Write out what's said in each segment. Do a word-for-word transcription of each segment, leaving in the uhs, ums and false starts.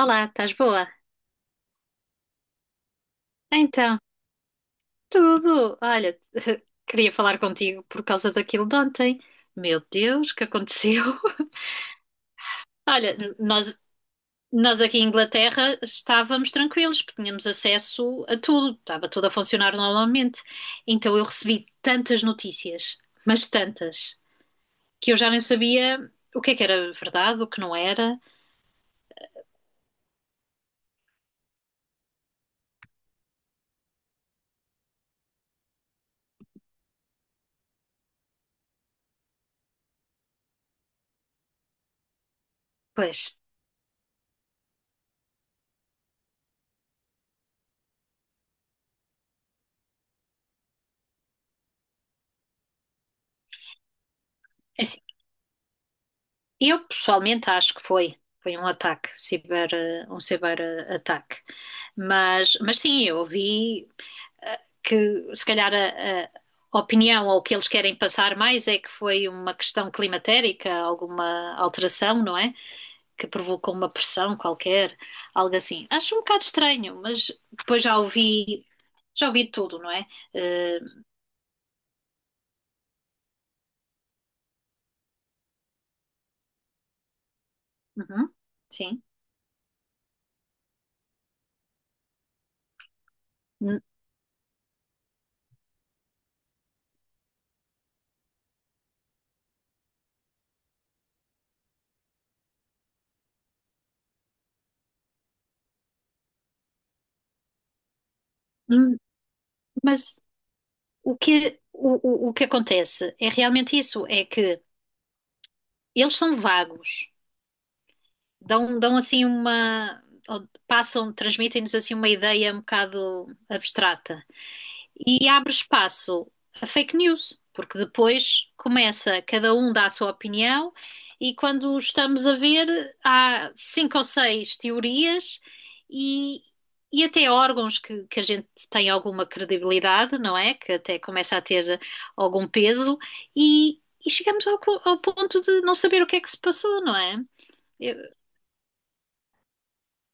Olá, estás boa? Então, tudo. Olha, queria falar contigo por causa daquilo de ontem. Meu Deus, o que aconteceu? Olha, n- nós, nós aqui em Inglaterra estávamos tranquilos, porque tínhamos acesso a tudo, estava tudo a funcionar normalmente. Então eu recebi tantas notícias, mas tantas, que eu já nem sabia o que é que era verdade, o que não era. Pois, é assim, eu pessoalmente acho que foi. Foi um ataque, ciber, eh, um ciberataque. Mas, mas sim, eu ouvi que se calhar a, a opinião ou o que eles querem passar mais é que foi uma questão climatérica, alguma alteração, não é? Que provocou uma pressão qualquer, algo assim. Acho um bocado estranho, mas depois já ouvi, já ouvi tudo, não é? Eh, uhum, sim. N- n- Mas o que, o, o, o que acontece é realmente isso, é que eles são vagos, dão, dão assim uma. Ou passam, transmitem-nos assim uma ideia um bocado abstrata. E abre espaço a fake news, porque depois começa, cada um dá a sua opinião, e quando estamos a ver, há cinco ou seis teorias e, e até órgãos que, que a gente tem alguma credibilidade, não é? Que até começa a ter algum peso, e, e chegamos ao, co- ao ponto de não saber o que é que se passou, não é? Eu-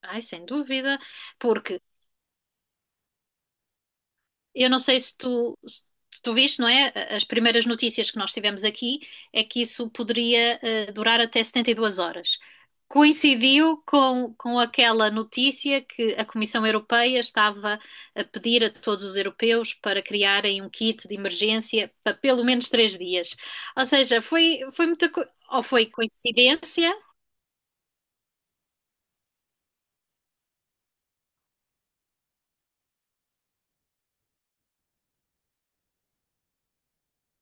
Ai, sem dúvida, porque eu não sei se tu, se tu viste, não é? As primeiras notícias que nós tivemos aqui é que isso poderia eh, durar até setenta e duas horas. Coincidiu com, com aquela notícia que a Comissão Europeia estava a pedir a todos os europeus para criarem um kit de emergência para pelo menos três dias. Ou seja, foi, foi muita, co- ou foi coincidência?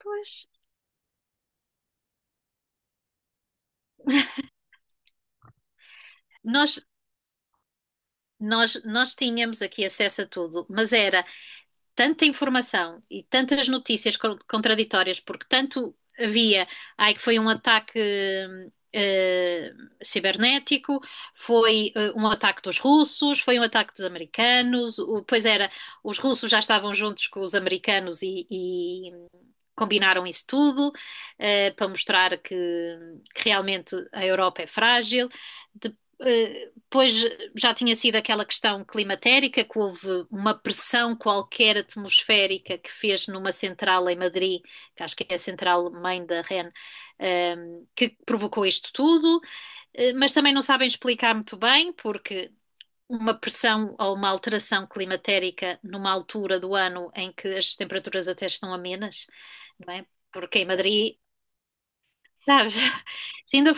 Pois. Nós, nós, nós tínhamos aqui acesso a tudo, mas era tanta informação e tantas notícias co- contraditórias, porque tanto havia, ai, que foi um ataque eh, cibernético, foi eh, um ataque dos russos, foi um ataque dos americanos, o- pois era, os russos já estavam juntos com os americanos e, e combinaram isso tudo, eh, para mostrar que, que realmente a Europa é frágil. De- eh, Depois já tinha sido aquela questão climatérica, que houve uma pressão qualquer atmosférica que fez numa central em Madrid, que acho que é a central mãe da ren, ehm, que provocou isto tudo, eh, mas também não sabem explicar muito bem, porque uma pressão ou uma alteração climatérica numa altura do ano em que as temperaturas até estão amenas, não é? Porque em Madrid, sabes, se ainda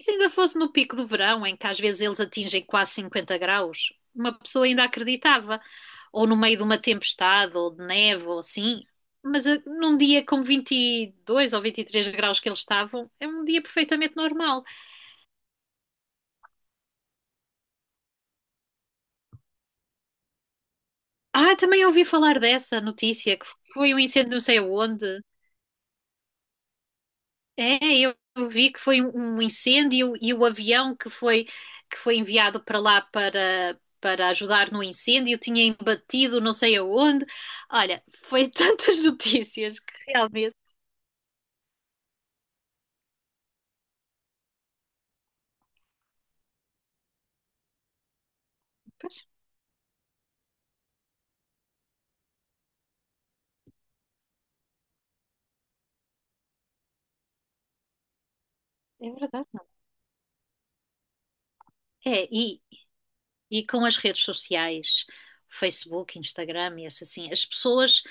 se ainda fosse no pico do verão, em que às vezes eles atingem quase cinquenta graus, uma pessoa ainda acreditava. Ou no meio de uma tempestade, ou de neve, ou assim. Mas eh, num dia com vinte e dois ou vinte e três graus que eles estavam, é um dia perfeitamente normal. Ah, também ouvi falar dessa notícia, que foi um incêndio não sei aonde. É, eu eu vi que foi um um incêndio e o avião que foi, que foi enviado para lá para, para ajudar no incêndio tinha embatido não sei aonde. Olha, foi tantas notícias que realmente. Pois, é verdade, não. É, É, e, e com as redes sociais, Facebook, Instagram e essa assim, as pessoas.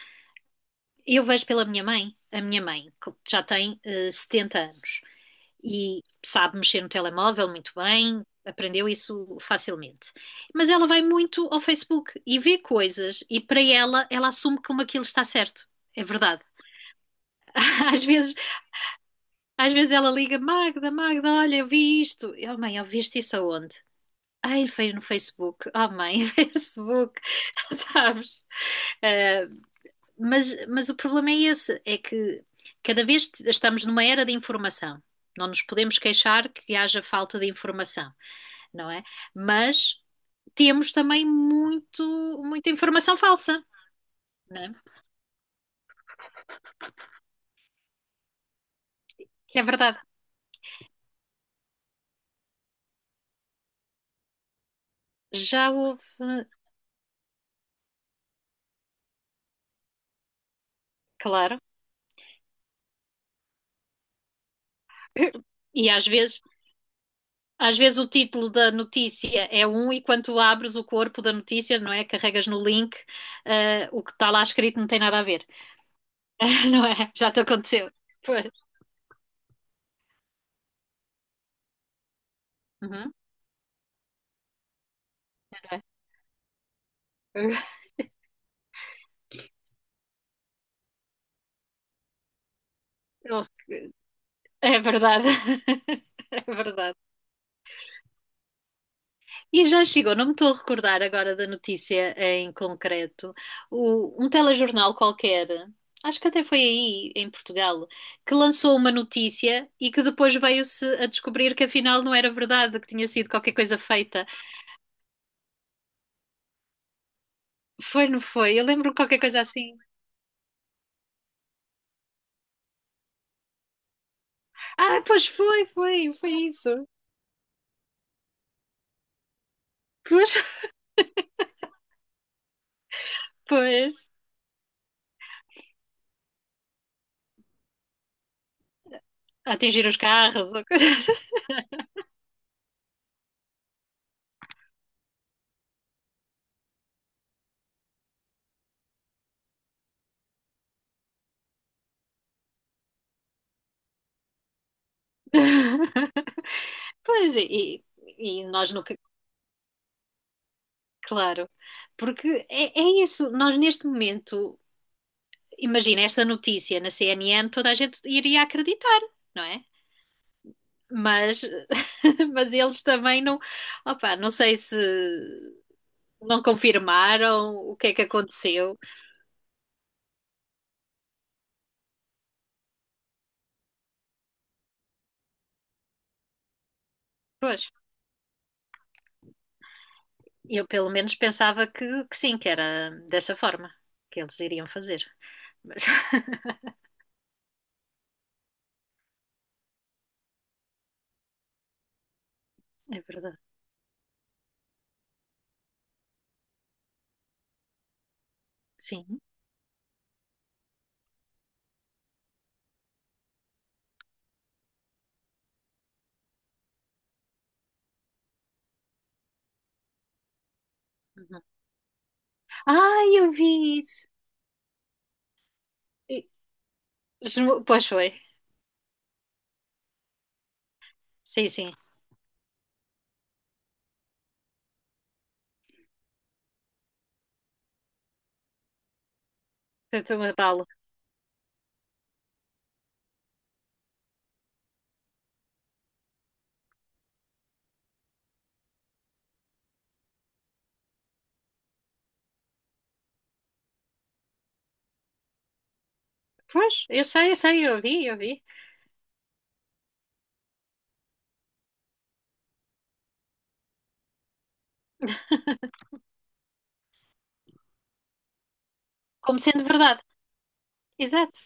Eu vejo pela minha mãe, a minha mãe, que já tem eh, setenta anos, e sabe mexer no telemóvel muito bem, aprendeu isso facilmente. Mas ela vai muito ao Facebook e vê coisas e para ela ela assume como aquilo está certo. É verdade. Às vezes, às vezes ela liga, Magda, Magda, olha, eu vi isto. Oh mãe, eu viste isso aonde? Ai, veio no Facebook. Oh mãe, Facebook, sabes? Eh, mas, mas o problema é esse, é que cada vez estamos numa era de informação. Não nos podemos queixar que haja falta de informação, não é? Mas temos também muito, muita informação falsa, não é? Que é verdade. Já houve, claro, e às vezes às vezes o título da notícia é um, e quando abres o corpo da notícia, não é? Carregas no link, uh, o que está lá escrito não tem nada a ver, não é? Já te aconteceu. Pois. Uhum. É verdade, é verdade. E já chegou, não me estou a recordar agora da notícia em concreto, o- um telejornal qualquer, acho que até foi aí, em Portugal, que lançou uma notícia e que depois veio-se a descobrir que afinal não era verdade, que tinha sido qualquer coisa feita. Foi, não foi? Eu lembro qualquer coisa assim. Ah, pois foi, foi, foi isso. Pois, pois. A Atingir os carros ou coisa assim. Pois, e, e nós nunca, claro. Porque é, é isso, nós neste momento. Imagina esta notícia na C N N, toda a gente iria acreditar, não é? Mas, mas eles também não, opa, não sei se não confirmaram o que é que aconteceu. Pois, eu pelo menos pensava que, que sim, que era dessa forma que eles iriam fazer. Mas é verdade, sim. Uhum. Ah, eu vi isso. E- esmo- Pois foi, sim, sim. Estou a falo. Pois, eu sei, eu sei, eu vi, eu vi. Como sendo verdade, exato,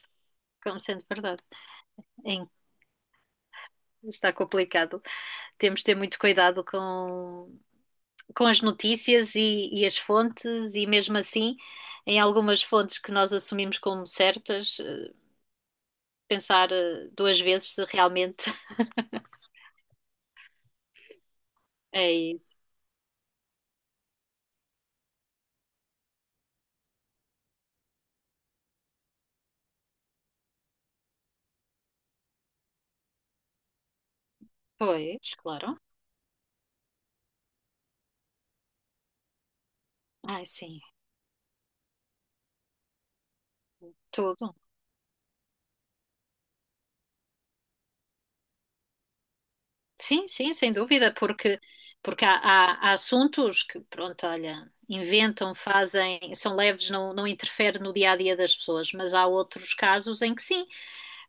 como sendo verdade. Em Está complicado. Temos de ter muito cuidado com, com as notícias e, e as fontes, e mesmo assim, em algumas fontes que nós assumimos como certas, eh, pensar eh, duas vezes se realmente é isso. Pois, claro. Ai, sim, tudo. Sim, sim, sem dúvida, porque, porque há, há- há assuntos que, pronto, olha, inventam, fazem, são leves, não, não interfere no dia a dia das pessoas, mas há outros casos em que sim,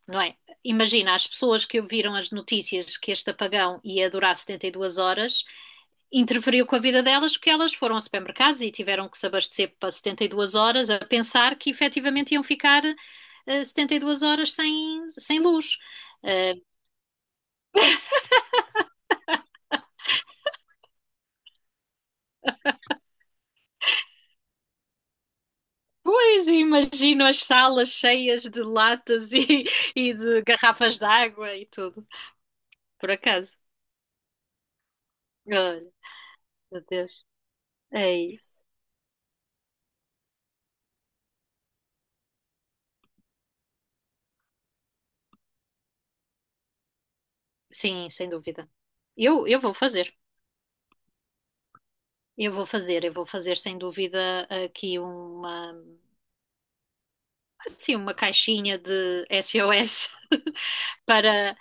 não é? Imagina, as pessoas que ouviram as notícias que este apagão ia durar setenta e duas horas, interferiu com a vida delas porque elas foram a supermercados e tiveram que se abastecer para setenta e duas horas a pensar que efetivamente iam ficar eh, setenta e duas horas sem, sem luz. Eh, pois imagino as salas cheias de latas e, e de garrafas de água e tudo, por acaso. Olha, meu Deus, é isso. Sim, sem dúvida. Eu, eu vou fazer. Eu vou fazer, eu vou fazer sem dúvida aqui uma, assim, uma caixinha de S O S para,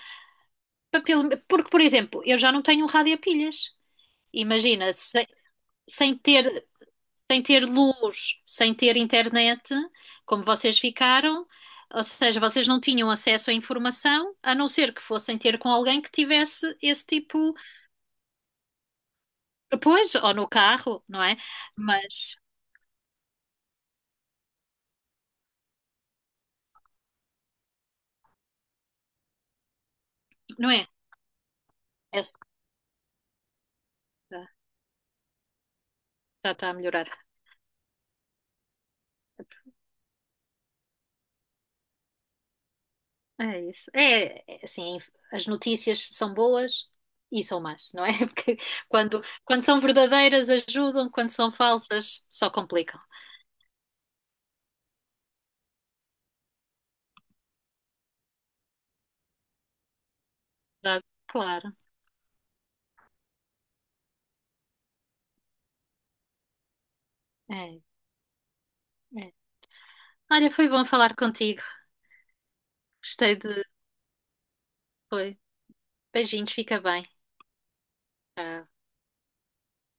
para pelo- porque, por exemplo, eu já não tenho um rádio a pilhas. Imagina, se- sem ter, sem ter luz, sem ter internet, como vocês ficaram, ou seja, vocês não tinham acesso à informação, a não ser que fossem ter com alguém que tivesse esse tipo, pois, ou no carro, não é? Mas, não é? É, já está a melhorar. É isso. É, é, assim, as notícias são boas e são más, não é? Porque quando, quando são verdadeiras ajudam, quando são falsas só complicam. Verdade? Claro. É, é. Olha, foi bom falar contigo. Gostei de. Foi. Beijinhos, fica bem. Tchau.